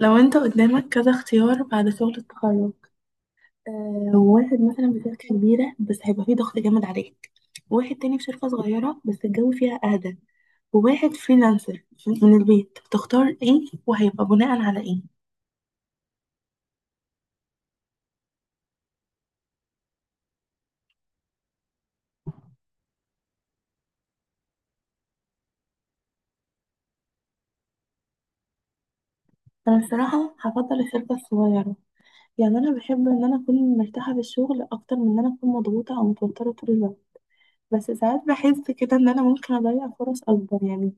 لو انت قدامك كذا اختيار بعد شغل التخرج. آه واحد مثلا في شركة كبيرة بس هيبقى فيه ضغط جامد عليك، وواحد تاني في شركة صغيرة بس الجو فيها أهدى، وواحد فريلانسر من البيت. تختار ايه وهيبقى بناء على ايه؟ انا الصراحة هفضل الشركة الصغيرة، يعني انا بحب ان انا اكون مرتاحة في الشغل اكتر من ان انا اكون مضغوطة او متوترة طول الوقت. بس ساعات بحس كده ان انا ممكن اضيع فرص اكبر يعني.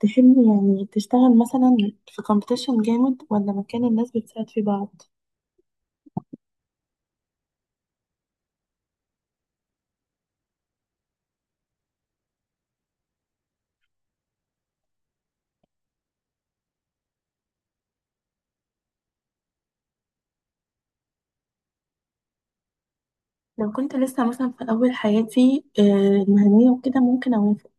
تحب يعني تشتغل مثلا في كومبيتيشن جامد ولا مكان الناس بتساعد في بعض؟ لو كنت لسه مثلا في أول حياتي المهنية وكده ممكن أوافق،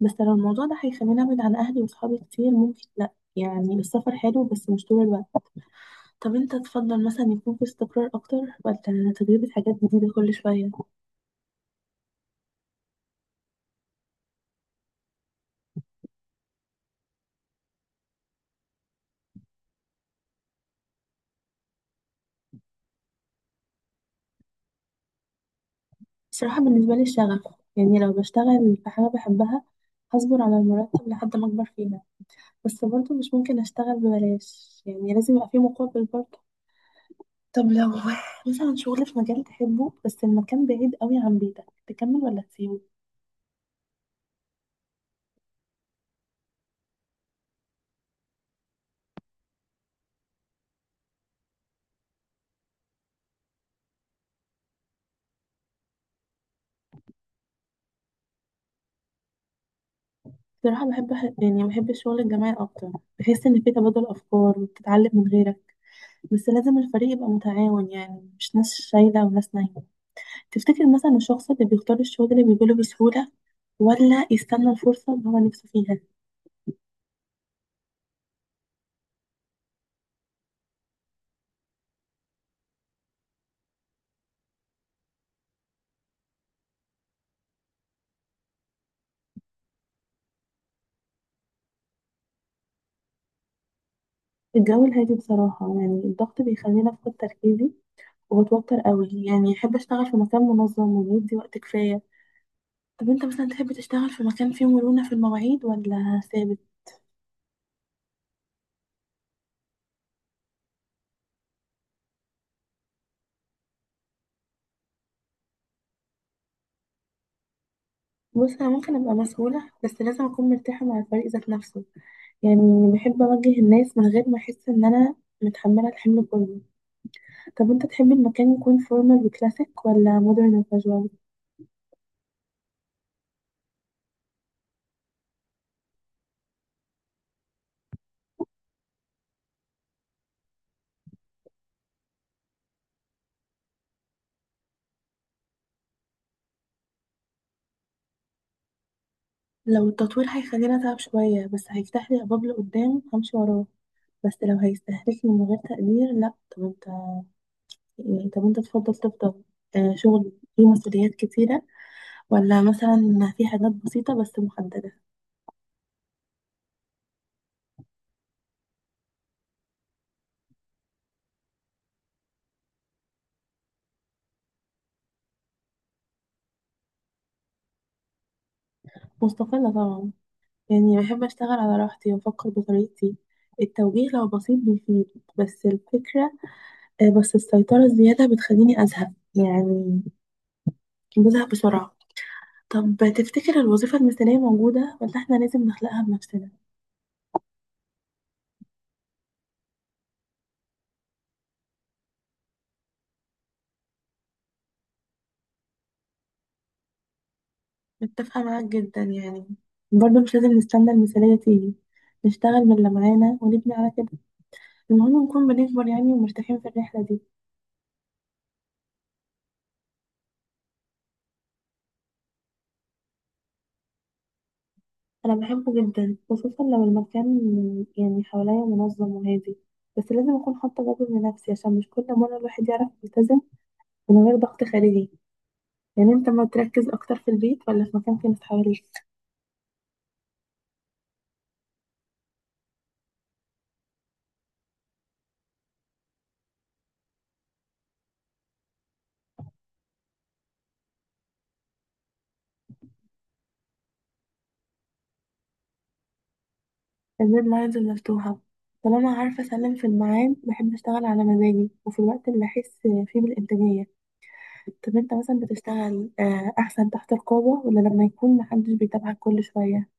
بس لو الموضوع ده هيخليني أبعد عن أهلي وصحابي كتير ممكن لأ، يعني السفر حلو بس مش طول الوقت. طب أنت تفضل مثلا يكون في استقرار أكتر ولا تجربة حاجات جديدة كل شوية؟ بصراحة بالنسبة لي الشغف، يعني لو بشتغل في حاجة بحبها هصبر على المرتب لحد ما أكبر فيها، بس برضه مش ممكن أشتغل ببلاش، يعني لازم يبقى في مقابل برضه. طب لو مثلا شغل في مجال تحبه بس المكان بعيد قوي عن بيتك، تكمل ولا تسيبه؟ بصراحة بحب، يعني بحب الشغل الجماعي أكتر، بحس إن في تبادل أفكار وبتتعلم من غيرك، بس لازم الفريق يبقى متعاون، يعني مش ناس شايلة وناس نايمة. تفتكر مثلا الشخص اللي بيختار الشغل اللي بيجيله بسهولة ولا يستنى الفرصة اللي هو نفسه فيها؟ الجو الهادي بصراحة، يعني الضغط بيخليني أفقد تركيزي وبتوتر قوي، يعني أحب أشتغل في مكان منظم وبيدي وقت كفاية. طب انت مثلا تحب تشتغل في مكان فيه مرونة في المواعيد ولا ثابت؟ بص انا ممكن ابقى مسؤولة بس لازم اكون مرتاحة مع الفريق ذات نفسه، يعني بحب اوجه الناس من غير ما احس ان انا متحملة الحمل كله. طب انت تحب المكان يكون فورمال وكلاسيك ولا مودرن وكاجوال؟ لو التطوير هيخليني اتعب شوية بس هيفتح لي ابواب لقدام همشي وراه، بس لو هيستهلكني من غير تقدير لا. طب انت، يعني طب انت تفضل شغل فيه مسؤوليات كتيرة، ولا مثلا في حاجات بسيطة بس محددة؟ مستقلة طبعا، يعني بحب أشتغل على راحتي وأفكر بطريقتي. التوجيه لو بسيط بيفيد، بس الفكرة بس السيطرة الزيادة بتخليني أزهق، يعني بزهق بسرعة. طب تفتكر الوظيفة المثالية موجودة ولا إحنا لازم نخلقها بنفسنا؟ متفقة معاك جدا، يعني برضه مش لازم نستنى المثالية تيجي، نشتغل من اللي معانا ونبني على كده. المهم نكون بنكبر يعني ومرتاحين في الرحلة دي. أنا بحبه جدا، خصوصا لو المكان يعني حواليا منظم وهادي، بس لازم أكون حاطة جدول لنفسي عشان مش كل مرة الواحد يعرف يلتزم من غير ضغط خارجي. يعني أنت ما تركز أكتر في البيت ولا في مكان فيه ناس حواليك؟ الديدلاينز مفتوحة، طالما عارفة أسلم في الميعاد بحب أشتغل على مزاجي وفي الوقت اللي أحس فيه بالإنتاجية. طب أنت مثلا بتشتغل، أحسن تحت رقابة ولا لما يكون محدش بيتابعك كل شوية؟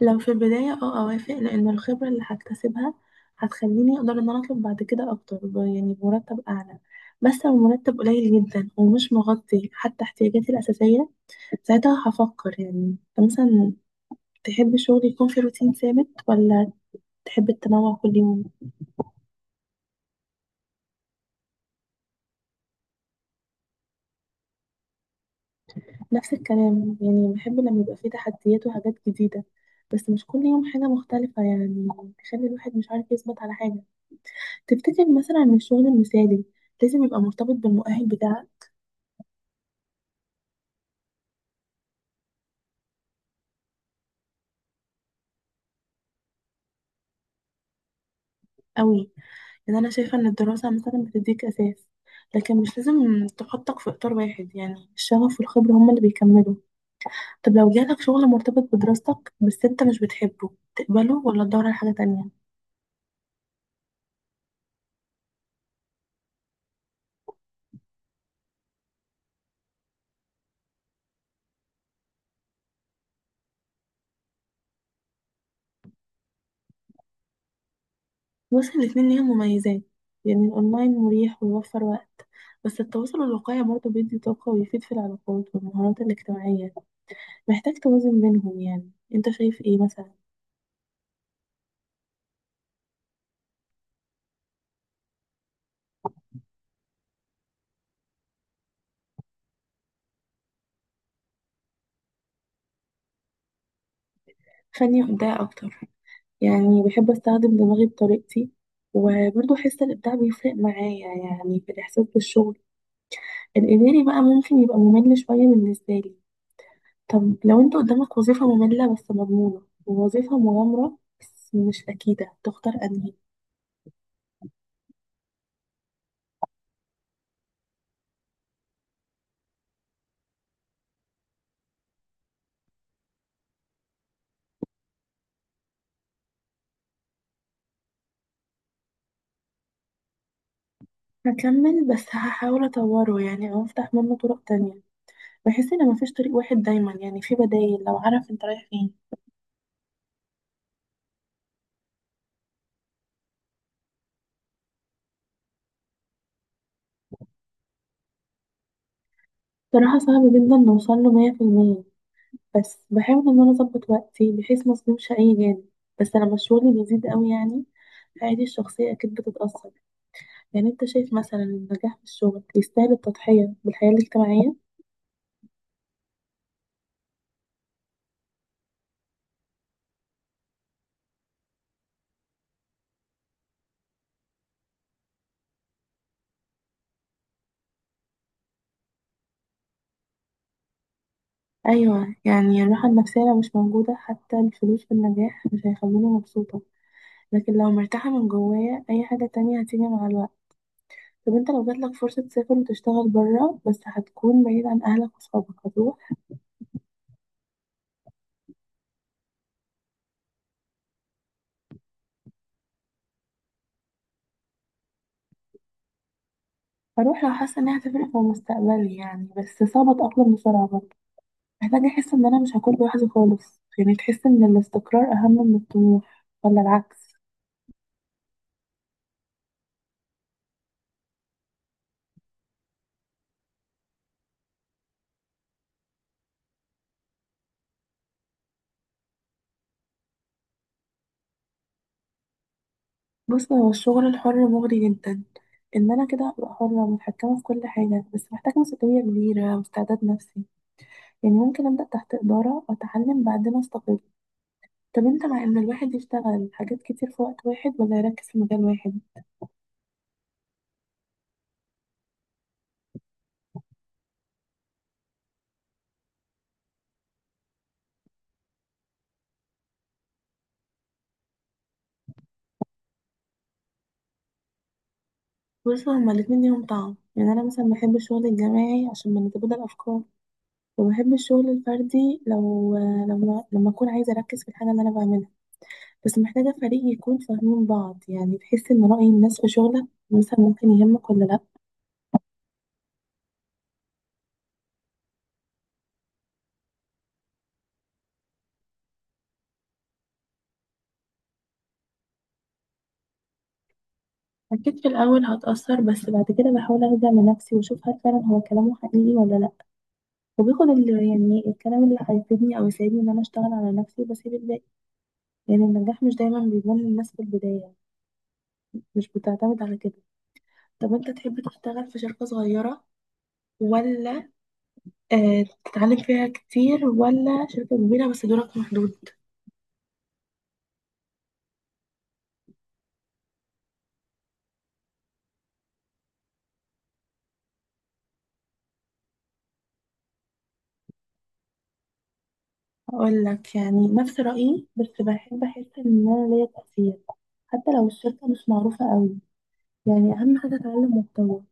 لو في البداية اه اوافق، لان الخبرة اللي هكتسبها هتخليني اقدر ان انا اطلب بعد كده اكتر يعني بمرتب اعلى، بس لو مرتب قليل جدا ومش مغطي حتى احتياجاتي الأساسية ساعتها هفكر. يعني أنت مثلا تحب الشغل يكون في روتين ثابت ولا تحب التنوع كل يوم؟ نفس الكلام، يعني بحب لما يبقى فيه تحديات وحاجات جديدة، بس مش كل يوم حاجة مختلفة يعني تخلي الواحد مش عارف يثبت على حاجة. تفتكر مثلا إن الشغل المثالي لازم يبقى مرتبط بالمؤهل بتاعك؟ قوي، لان انا شايفه ان الدراسه مثلا بتديك اساس، لكن مش لازم تحطك في اطار واحد، يعني الشغف والخبره هما اللي بيكملوا. طب لو جالك شغل مرتبط بدراستك بس انت مش بتحبه، تقبله ولا تدور على حاجه تانية؟ بس الاتنين ليهم مميزات، يعني الاونلاين مريح ويوفر وقت، بس التواصل الواقعي برضه بيدي طاقه ويفيد في العلاقات والمهارات الاجتماعيه. محتاج توازن بينهم، يعني انت شايف ايه مثلا؟ خليني في ده اكتر، يعني بحب استخدم دماغي بطريقتي وبرضه احس الابداع بيفرق معايا، يعني في الاحساس بالشغل. الاداري بقى ممكن يبقى ممل شويه بالنسبه لي. طب لو انت قدامك وظيفه ممله بس مضمونه، ووظيفه مغامره بس مش اكيده، تختار انهي؟ هكمل بس هحاول اطوره، يعني او افتح منه طرق تانية. بحس ان مفيش طريق واحد دايما، يعني في بدايل لو عارف انت رايح فين. صراحه صعب جدا نوصل له 100%، بس بحاول ان انا اظبط وقتي بحيث ما اظلمش اي جانب، بس لما الشغل بيزيد قوي يعني حياتي الشخصية اكيد بتتأثر. يعني انت شايف مثلا إن النجاح في الشغل يستاهل التضحية بالحياة الاجتماعية؟ ايوه، يعني الراحة النفسية لو مش موجودة حتى الفلوس في النجاح مش هيخلوني مبسوطة، لكن لو مرتاحة من جوايا اي حاجة تانية هتيجي مع الوقت. طب انت لو جاتلك فرصة تسافر وتشتغل بره بس هتكون بعيد عن اهلك وصحابك، هتروح؟ هروح لو حاسة انها هتفرق في مستقبلي يعني، بس صعب اتأقلم بسرعة برضه، محتاجة أحس إن أنا مش هكون لوحدي خالص. يعني تحس إن الاستقرار أهم من الطموح ولا العكس؟ بص هو الشغل الحر مغري جدا، إن أنا كده هبقى حرة ومتحكمة في كل حاجة، بس محتاجة مسؤولية كبيرة واستعداد نفسي، يعني ممكن أبدأ تحت إدارة وأتعلم بعدين أستقل. طب أنت مع إن الواحد يشتغل حاجات كتير في وقت واحد ولا يركز في مجال واحد؟ بص هما الاتنين ليهم طعم، يعني أنا مثلا بحب الشغل الجماعي عشان بنتبادل أفكار، وبحب الشغل الفردي لو لما لما أكون عايزة أركز في الحاجة اللي أنا بعملها، بس محتاجة فريق يكون فاهمين بعض. يعني تحس إن رأي الناس في شغلك مثلا ممكن يهمك ولا لأ؟ أكيد في الأول هتأثر، بس بعد كده بحاول أرجع لنفسي وأشوف هل فعلا هو كلامه حقيقي ولا لأ، وباخد يعني الكلام اللي هيفيدني أو يساعدني إن أنا أشتغل على نفسي وبسيب الباقي. يعني النجاح مش دايما بيبان للناس في البداية، مش بتعتمد على كده. طب أنت تحب تشتغل في شركة صغيرة ولا تتعلم فيها كتير، ولا شركة كبيرة بس دورك محدود؟ هقول لك يعني نفس رأيي، بس بحب أحس إن أنا ليا تأثير حتى لو الشركة مش معروفة قوي، يعني أهم حاجة أتعلم وأتطور.